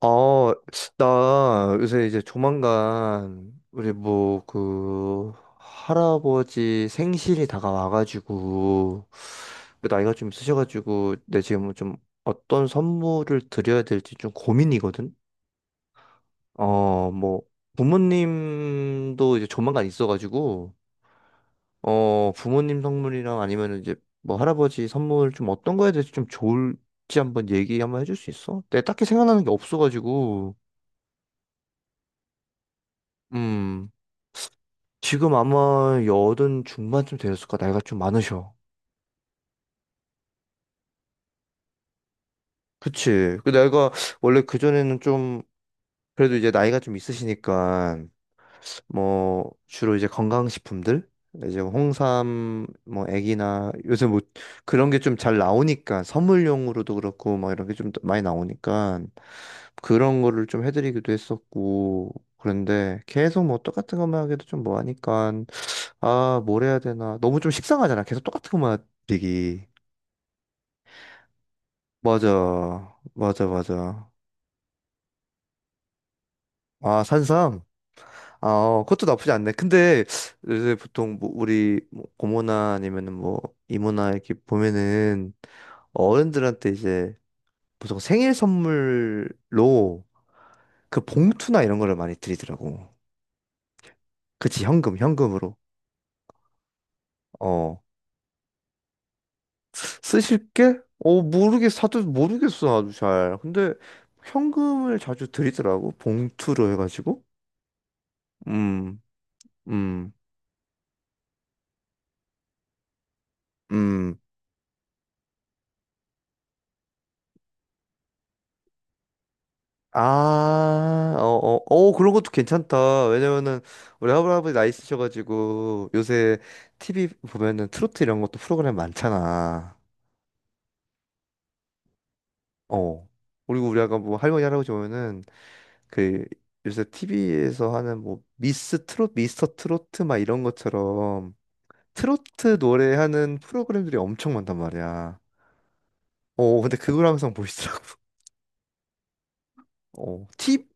아, 나 요새 이제 조만간 우리 뭐 그 할아버지 생신이 다가와가지고 그 나이가 좀 있으셔가지고 내 지금 좀 어떤 선물을 드려야 될지 좀 고민이거든. 어, 뭐 부모님도 이제 조만간 있어가지고 어 부모님 선물이랑 아니면 이제 뭐 할아버지 선물 좀 어떤 거에 대해서 좀 좋을지 한번 얘기 한번 해줄 수 있어? 내가 딱히 생각나는 게 없어가지고. 음. 지금 아마 여든 중반쯤 되었을까? 나이가 좀 많으셔. 그치. 그 나이가 원래 그전에는 좀 그래도 이제 나이가 좀 있으시니까 뭐 주로 이제 건강식품들, 이제 홍삼 뭐 애기나, 요새 뭐 그런 게 좀 잘 나오니까 선물용으로도 그렇고 막 이런 게 좀 많이 나오니까 그런 거를 좀 해드리기도 했었고. 그런데 계속 뭐 똑같은 것만 하기도 좀 뭐하니까, 아 뭘 해야 되나. 너무 좀 식상하잖아, 계속 똑같은 것만 드리기. 맞아, 맞아, 맞아. 아, 산삼? 아, 어, 그것도 나쁘지 않네. 근데 요새 보통 뭐 우리 뭐 고모나 아니면은 뭐 이모나 이렇게 보면은 어른들한테 이제 보통 생일 선물로 그 봉투나 이런 거를 많이 드리더라고. 그치, 현금, 현금으로. 어, 쓰실 게? 어, 모르겠어. 다들 모르겠어, 나도 잘. 근데 현금을 자주 드리더라고, 봉투로 해가지고. 음, 음, 음. 아, 어, 어, 어, 그런 것도 괜찮다. 왜냐면은 우리 할아버지 나이 스셔가지고 요새 TV 보면은 트로트 이런 것도 프로그램 많잖아. 어. 그리고 우리 아까 뭐 할머니 할아버지 보면은 그 요새 TV에서 하는 뭐 미스 트롯, 미스터 트로트 막 이런 것처럼 트로트 노래하는 프로그램들이 엄청 많단 말이야. 어, 근데 그걸 항상 보시더라고. 어, 팁?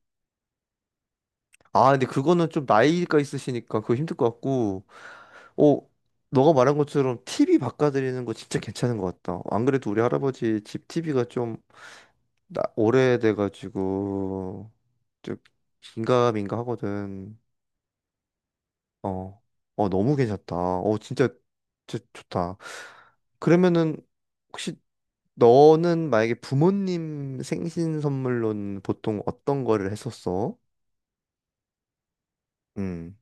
아, 근데 그거는 좀 나이가 있으시니까 그거 힘들 것 같고. 어, 너가 말한 것처럼 TV 바꿔드리는 거 진짜 괜찮은 것 같다. 안 그래도 우리 할아버지 집 TV가 좀 오래돼가지고 좀 긴가민가 하거든. 어, 어 너무 괜찮다. 어 진짜 진짜 좋다. 그러면은 혹시 너는 만약에 부모님 생신 선물로는 보통 어떤 거를 했었어? 음,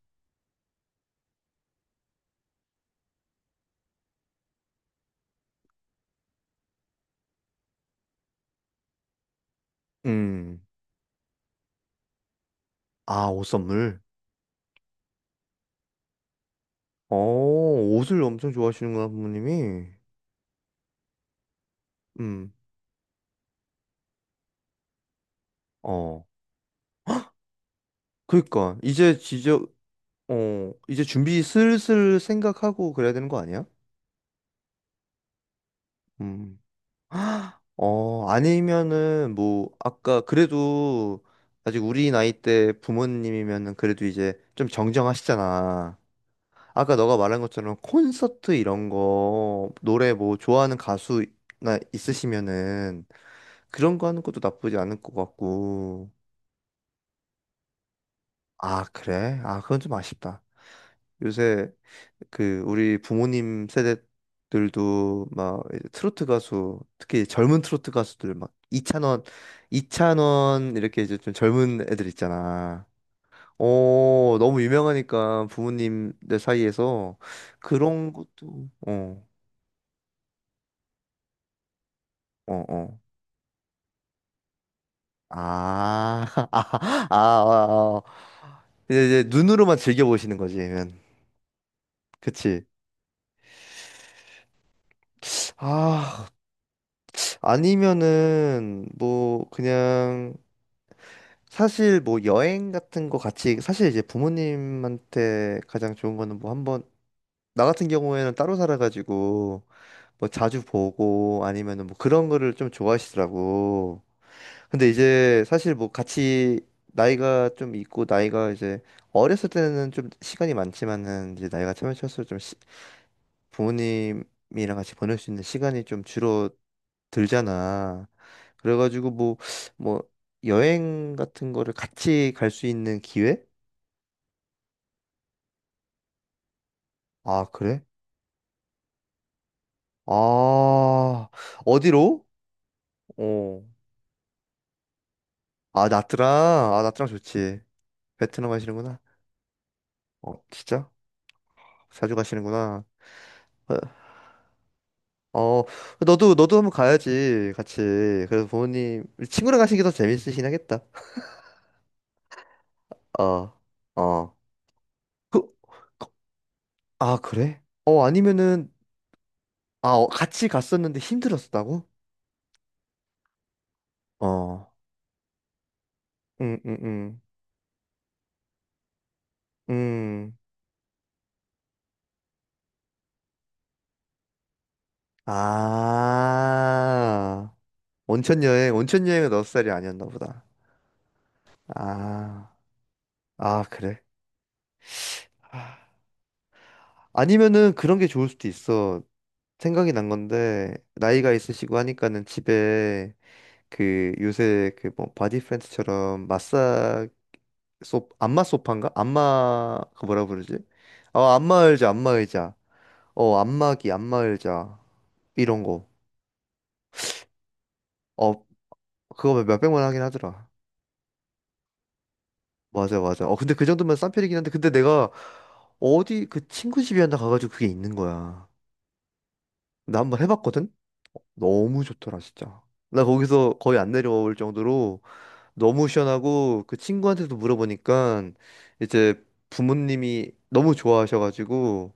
음, 아, 옷 선물. 어, 옷을 엄청 좋아하시는구나, 부모님이. 음, 어. 그러니까 이제 지저, 어 이제 준비 슬슬 생각하고 그래야 되는 거 아니야? 음. 어 아니면은 뭐 아까 그래도 아직 우리 나이 때 부모님이면은 그래도 이제 좀 정정하시잖아. 아까 너가 말한 것처럼 콘서트 이런 거, 노래 뭐 좋아하는 가수나 있으시면은 그런 거 하는 것도 나쁘지 않을 것 같고. 아, 그래? 아, 그건 좀 아쉽다. 요새 그 우리 부모님 세대들도 막 이제 트로트 가수, 특히 젊은 트로트 가수들 막 이찬원, 이렇게 이제 좀 젊은 애들 있잖아. 어 너무 유명하니까 부모님들 사이에서 그런 것도 어. 어, 어. 아, 아, 아, 아, 아. 이제, 이제 눈으로만 즐겨보시는 거지, 그러면. 그치. 아, 아니면은, 뭐, 그냥, 사실 뭐 여행 같은 거 같이, 사실 이제 부모님한테 가장 좋은 거는 뭐 한번, 나 같은 경우에는 따로 살아가지고 뭐 자주 보고 아니면은 뭐 그런 거를 좀 좋아하시더라고. 근데 이제 사실 뭐 같이 나이가 좀 있고, 나이가 이제 어렸을 때는 좀 시간이 많지만은 이제 나이가 차면 찰수록 좀 부모님이랑 같이 보낼 수 있는 시간이 좀 줄어들잖아. 그래가지고 뭐 뭐 여행 같은 거를 같이 갈 수 있는 기회? 아, 그래? 아, 어디로? 어. 아, 나트랑. 아, 나트랑 좋지. 베트남 가시는구나. 어, 진짜? 자주 가시는구나. 어, 어, 너도, 너도 한번 가야지, 같이. 그래서 부모님, 친구랑 가시기 더 재밌으시긴 하겠다. 어, 어. 그, 그- 아, 그래? 어, 아니면은, 아, 어, 같이 갔었는데 힘들었다고? 어, 응, 응, 응. 음. 아, 온천 여행, 온천 여행은 너 스타일이 아니었나 보다. 아, 아, 그래. 아니면은 그런 게 좋을 수도 있어. 생각이 난 건데, 나이가 있으시고 하니까는 집에 그 요새 그 뭐 바디 프렌즈처럼 안마 소파인가? 안마, 그 뭐라 부르지? 어, 안마 의자, 안마 의자. 어, 안마기, 안마 의자. 이런 거. 어, 그거 몇백만 원 하긴 하더라. 맞아, 맞아. 어, 근데 그 정도면 싼 편이긴 한데, 근데 내가 어디 그 친구 집이었나 가가지고 그게 있는 거야. 나 한번 해봤거든? 너무 좋더라, 진짜. 나 거기서 거의 안 내려올 정도로 너무 시원하고, 그 친구한테도 물어보니까 이제 부모님이 너무 좋아하셔가지고,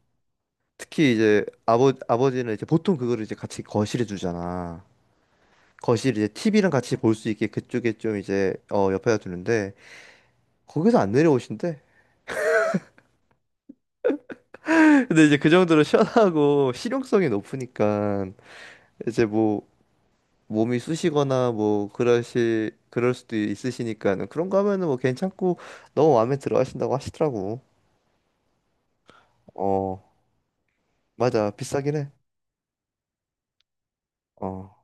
특히 이제 아버지는 이제 보통 그거를 이제 같이 거실에 두잖아. 거실 이제 TV랑 같이 볼 수 있게 그쪽에 좀 이제 어, 옆에다 두는데 거기서 안 내려오신대. 근데 이제 그 정도로 시원하고 실용성이 높으니까 이제 뭐 몸이 쑤시거나 뭐 그러실, 그럴 수도 있으시니까는 그런 거 하면은 뭐 괜찮고 너무 마음에 들어 하신다고 하시더라고. 어, 맞아. 비싸긴 해. 어,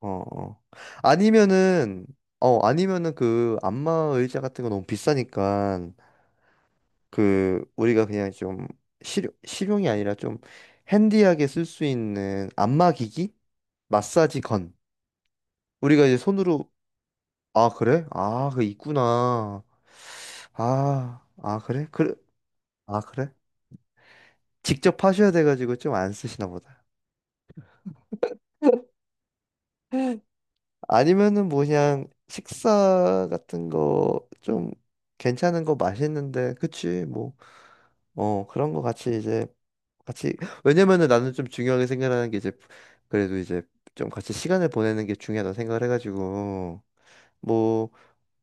어, 어. 아니면은 어, 아니면은 그 안마 의자 같은 거 너무 비싸니까 그 우리가 그냥 좀 실용이 아니라 좀 핸디하게 쓸 수 있는 안마 기기? 마사지 건. 우리가 이제 손으로, 아, 그래? 아, 그 있구나. 아, 아, 그래? 그래? 아, 그래? 직접 하셔야 돼가지고 좀 안 쓰시나 보다. 아니면은 뭐 그냥 식사 같은 거 좀 괜찮은 거 맛있는데, 그치 뭐, 어 그런 거 같이 이제 같이. 왜냐면은 나는 좀 중요하게 생각하는 게 이제, 그래도 이제 좀 같이 시간을 보내는 게 중요하다 생각을 해가지고. 뭐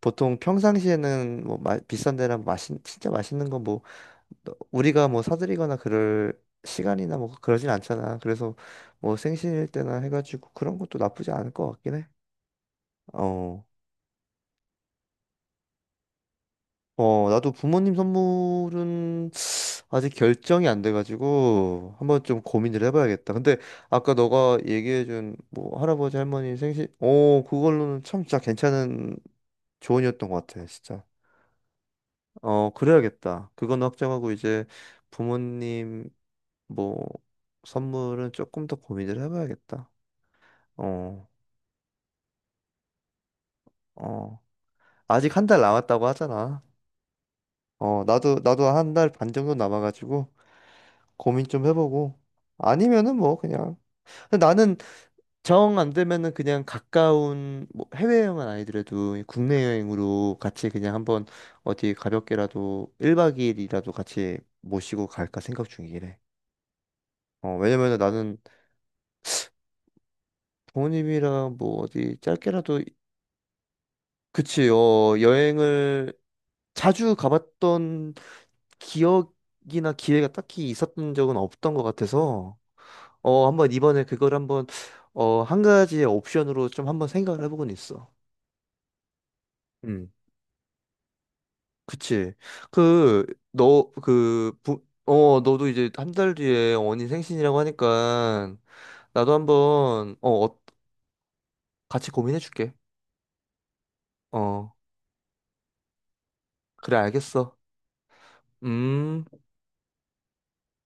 보통 평상시에는 뭐 비싼 데랑 맛있, 진짜 맛있는 거뭐 우리가 뭐 사드리거나 그럴 시간이나 뭐 그러진 않잖아. 그래서 뭐 생신일 때나 해가지고 그런 것도 나쁘지 않을 것 같긴 해. 어. 어, 나도 부모님 선물은 아직 결정이 안 돼가지고 한번 좀 고민을 해봐야겠다. 근데 아까 너가 얘기해준 뭐 할아버지 할머니 생신, 어, 그걸로는 참 진짜 괜찮은 조언이었던 것 같아, 진짜. 어, 그래야겠다. 그건 확정하고 이제 부모님 뭐 선물은 조금 더 고민을 해봐야겠다. 어, 어. 아직 한 달 남았다고 하잖아. 어, 나도, 나도 한 달 반 정도 남아가지고 고민 좀 해보고. 아니면은 뭐, 그냥. 근데 나는 정 안 되면은 그냥 가까운, 뭐 해외 여행은 아니더라도 국내 여행으로 같이 그냥 한번 어디 가볍게라도 1박 2일이라도 같이 모시고 갈까 생각 중이래. 어, 왜냐면은 나는 부모님이랑 뭐 어디 짧게라도, 그치, 어, 여행을 자주 가봤던 기억이나 기회가 딱히 있었던 적은 없던 것 같아서 어 한번 이번에 그걸 한번 어 한 가지의 옵션으로 좀 한번 생각을 해보곤 있어. 음, 그치. 그 너 그 부, 어 너도 이제 한 달 뒤에 언니 생신이라고 하니까 나도 한번 어 어, 같이 고민해 줄게. 어 그래 알겠어. 음.